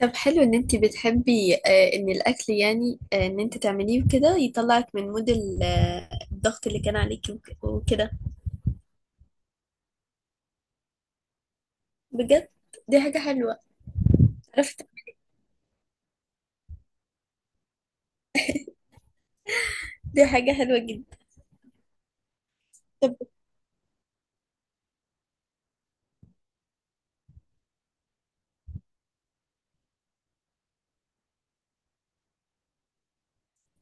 طب حلو ان انت بتحبي ان الاكل يعني ان انت تعمليه وكده يطلعك من مود الضغط اللي كان عليكي وكده. بجد. دي حاجة حلوة. عرفت. دي حاجة حلوة جدا. طب،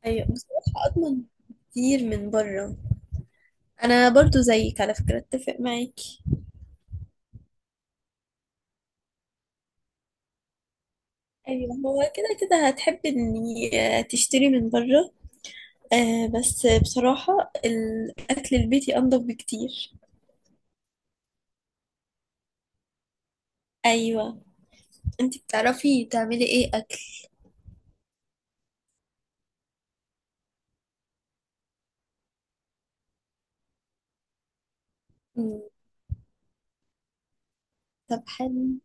ايوه، بصراحة اضمن كتير من بره. انا برضو زيك على فكرة، اتفق معاكي. ايوه، هو كده كده هتحبي اني تشتري من بره. بس بصراحة الاكل البيتي انضف بكتير. ايوه. انت بتعرفي تعملي ايه اكل؟ مم. طب حلو.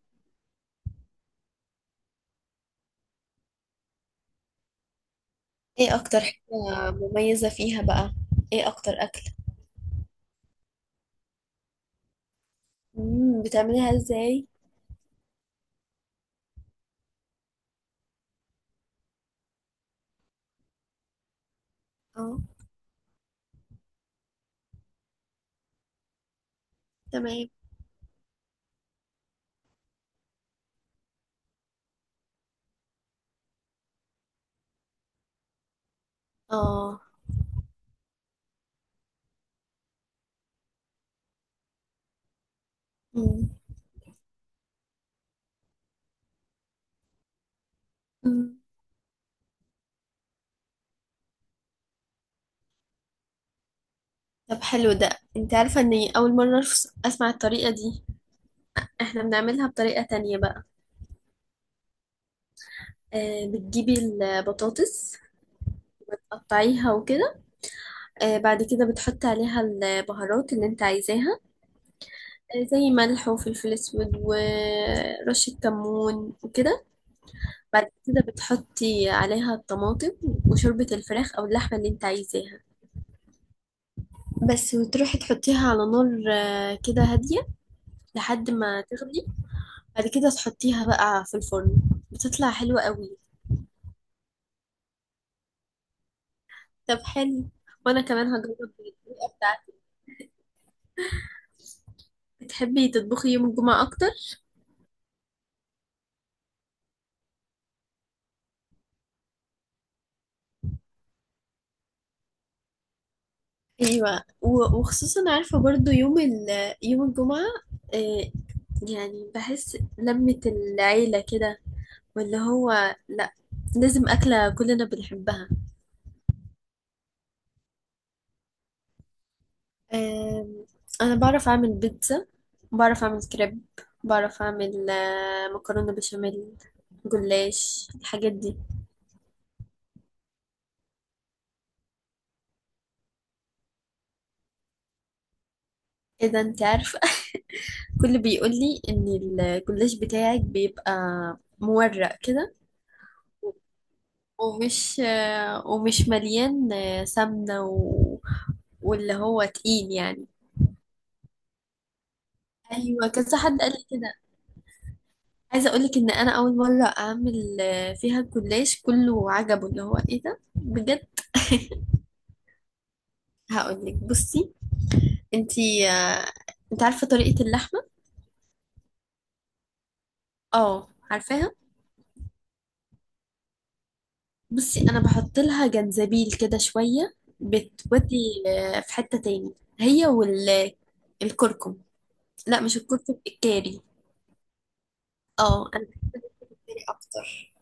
ايه اكتر حاجة مميزة فيها بقى؟ ايه اكتر اكل؟ مم. بتعمليها ازاي؟ اه. تمام. اه. مم. مم. طب حلو ده. انت عارفة اني اول مرة اسمع الطريقة دي. احنا بنعملها بطريقة تانية بقى. بتجيبي البطاطس، قطعيها وكده. بعد كده بتحطي عليها البهارات اللي انت عايزاها. زي ملح وفلفل اسود ورشة كمون وكده. بعد كده بتحطي عليها الطماطم وشوربة الفراخ أو اللحمة اللي انت عايزاها. بس، وتروحي تحطيها على نار كده هادية لحد ما تغلي. بعد كده تحطيها بقى في الفرن. بتطلع حلوة قوي. طب حلو. وأنا كمان هجرب الطريقة بتاعتك. بتحبي تطبخي يوم الجمعة أكتر؟ أيوة، وخصوصا عارفة برضو يوم الجمعة. آه، يعني بحس لمة العيلة كده، واللي هو، لأ، لازم أكلة كلنا بنحبها. آم، انا بعرف اعمل بيتزا، بعرف اعمل كريب، بعرف اعمل مكرونه بشاميل، جلاش، الحاجات دي. ايه ده! انت عارفه؟ كل بيقول لي ان الجلاش بتاعك بيبقى مورق كده، ومش مليان سمنه واللي هو تقيل يعني. ايوه، كذا حد قال لي كده. عايزه اقول لك ان انا اول مره اعمل فيها الجلاش، كله عجبه اللي هو ايه ده بجد. هقول لك، بصي. انتي آه، انت عارفة طريقة اللحمة؟ اه، عارفاها. بصي، انا بحط لها جنزبيل كده شوية، بتودي في حتة تاني، هي، والكركم. لا، مش الكركم، الكاري. اه، انا بحتاج اكتر.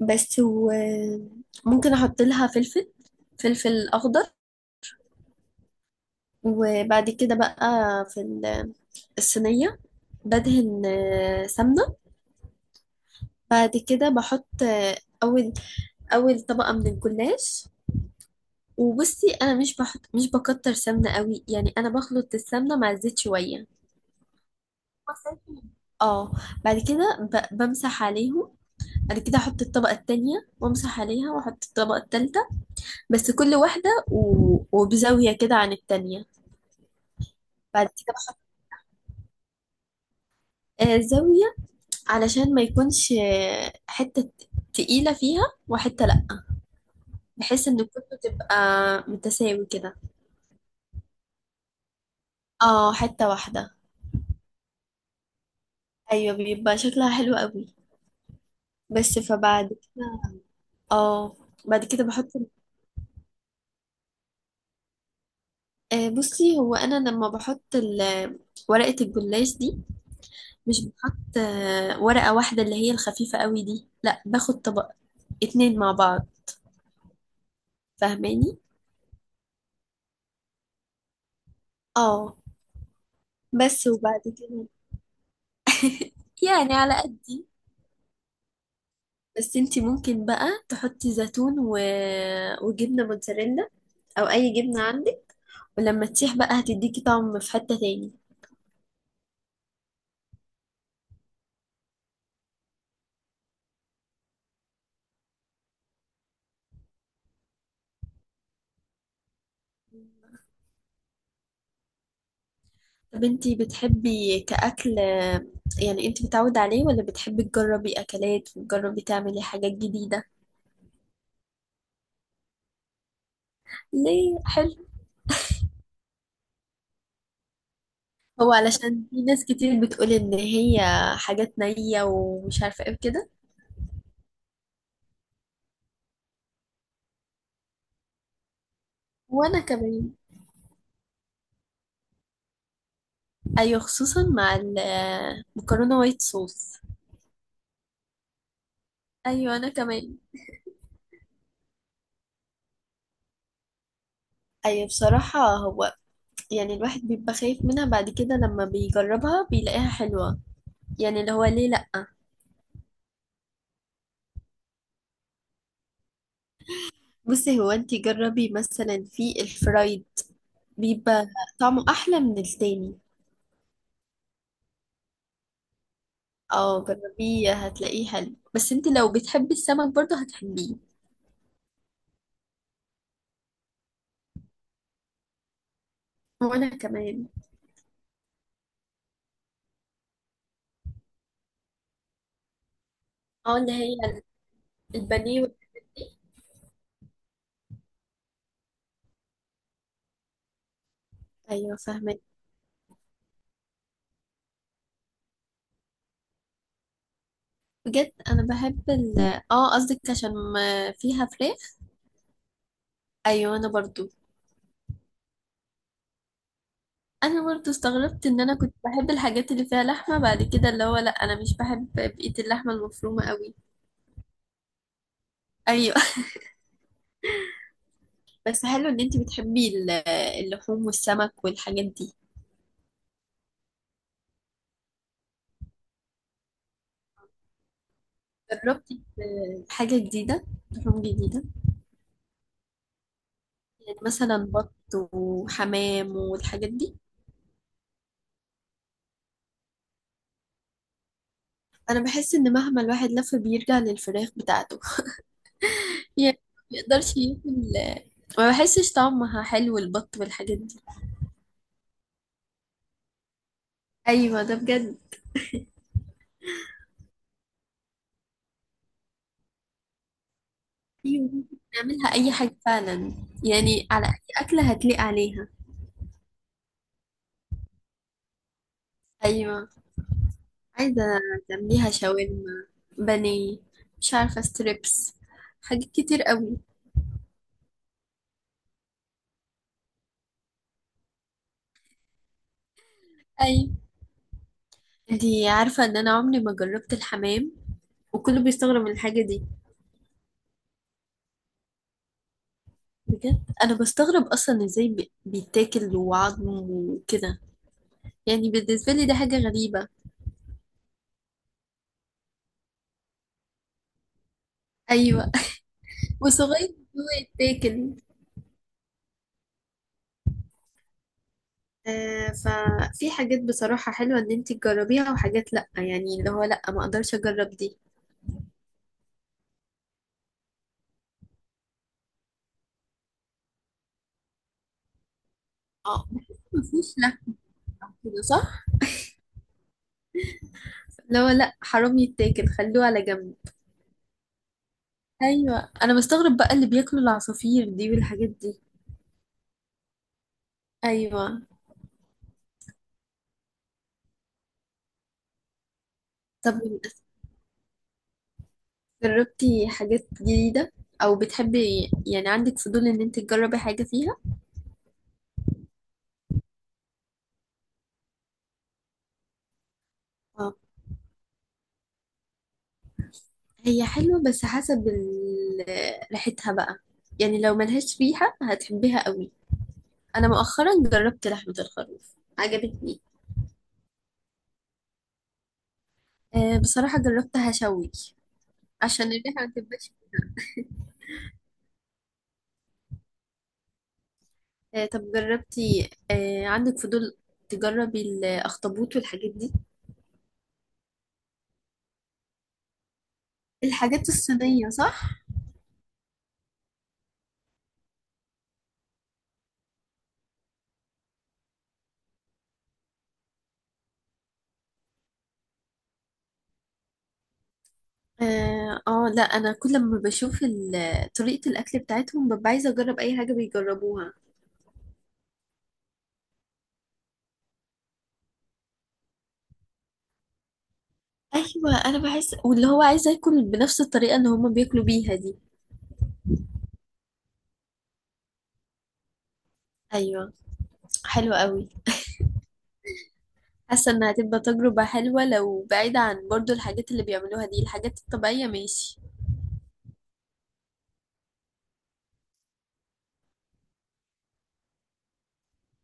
بس، وممكن احط لها فلفل، فلفل اخضر. وبعد كده بقى في الصينية، بدهن سمنة. بعد كده بحط اول اول طبقة من الجلاش. وبصي، انا مش بكتر سمنه قوي، يعني انا بخلط السمنه مع الزيت شويه. اه، بعد كده بمسح عليهم. بعد كده احط الطبقه التانية وامسح عليها، واحط الطبقه التالتة. بس كل واحده وبزاويه كده عن التانية. بعد كده بحط زاويه، علشان ما يكونش حته تقيله فيها وحته لا. بحيث ان كله تبقى متساوي كده. اه، حته واحده. ايوه، بيبقى شكلها حلو قوي. بس. فبعد كده، اه، بعد كده بحط. بصي، هو انا لما بحط ورقة الجلاش دي، مش بحط ورقة واحدة اللي هي الخفيفة قوي دي، لا، باخد طبق اتنين مع بعض. فاهماني؟ اه. بس. وبعد كده يعني على قدي. بس انتي ممكن بقى تحطي زيتون وجبنة موتزاريلا، او اي جبنة عندك. ولما تسيح بقى هتديكي طعم في حتة تاني. طب انتي بتحبي كأكل، يعني انتي متعودة عليه ولا بتحبي تجربي أكلات وتجربي تعملي حاجات جديدة؟ ليه؟ حلو. هو علشان في ناس كتير بتقول إن هي حاجات نية ومش عارفة ايه كده. وأنا كمان. أيوة، خصوصا مع المكرونة وايت صوص. أيوة، أنا كمان. أيوة، بصراحة هو، يعني الواحد بيبقى خايف منها، بعد كده لما بيجربها بيلاقيها حلوة. يعني اللي هو ليه لأ. بصي، هو انتي جربي مثلا في الفرايد، بيبقى طعمه احلى من التاني. اه، جربيه هتلاقيه حلو. بس انت لو بتحبي السمك برضه هتحبيه. وانا كمان. اه، اللي هي البانيه والحاجات دي. ايوه، فاهمه. بجد، انا بحب اه، قصدك عشان ما فيها فراخ. ايوه، انا برضو. انا برضو استغربت ان انا كنت بحب الحاجات اللي فيها لحمه، بعد كده اللي هو لا، انا مش بحب بقيه اللحمه المفرومه قوي. ايوه. بس حلو ان انت بتحبي اللحوم والسمك والحاجات دي. جربتي حاجة جديدة، لحوم جديدة؟ يعني مثلا بط وحمام والحاجات دي. أنا بحس إن مهما الواحد لف بيرجع للفراخ بتاعته. يعني ما يقدرش ياكل. ما بحسش طعمها حلو البط والحاجات دي. أيوة، ده بجد. أيوة، ممكن نعملها أي حاجة فعلا. يعني على أي أكلة هتليق عليها. أيوة، عايزة تعمليها شاورما، بانيه، مش عارفة، ستريبس، حاجات كتير قوي. أيوة. انتي عارفة ان انا عمري ما جربت الحمام؟ وكله بيستغرب من الحاجة دي. بجد، انا بستغرب اصلا ازاي بيتاكل وعظم وكده. يعني بالنسبة لي ده حاجة غريبة. ايوه. وصغير إن هو يتاكل. ففي حاجات بصراحة حلوة ان انتي تجربيها، وحاجات لأ، يعني اللي هو لأ، ما اقدرش اجرب دي. اه، بحس مفيش لحم كده، صح؟ اللي هو لأ، حرام يتاكل، خلوه على جنب. ايوه، انا بستغرب بقى اللي بياكلوا العصافير دي والحاجات دي. ايوه. طب، جربتي حاجات جديدة؟ أو بتحبي يعني عندك فضول إن أنت تجربي حاجة فيها؟ اه، هي حلوة بس حسب ريحتها بقى. يعني لو ملهاش ريحة هتحبيها قوي. أنا مؤخرا جربت لحمة الخروف عجبتني. بصراحة جربتها شوي عشان الريحة ما تبقاش. طب، جربتي، عندك فضول تجربي الأخطبوط والحاجات دي؟ الحاجات الصينية صح؟ اه. لا، انا كل ما بشوف طريقة الاكل بتاعتهم، ببقى عايزة اجرب اي حاجة بيجربوها. ايوه، انا بحس، واللي هو عايزة اكل بنفس الطريقة اللي هما بياكلوا بيها دي. ايوه، حلوة قوي. حاسة انها هتبقى تجربة حلوة، لو بعيدة عن برضو الحاجات اللي بيعملوها دي، الحاجات الطبيعية ماشي.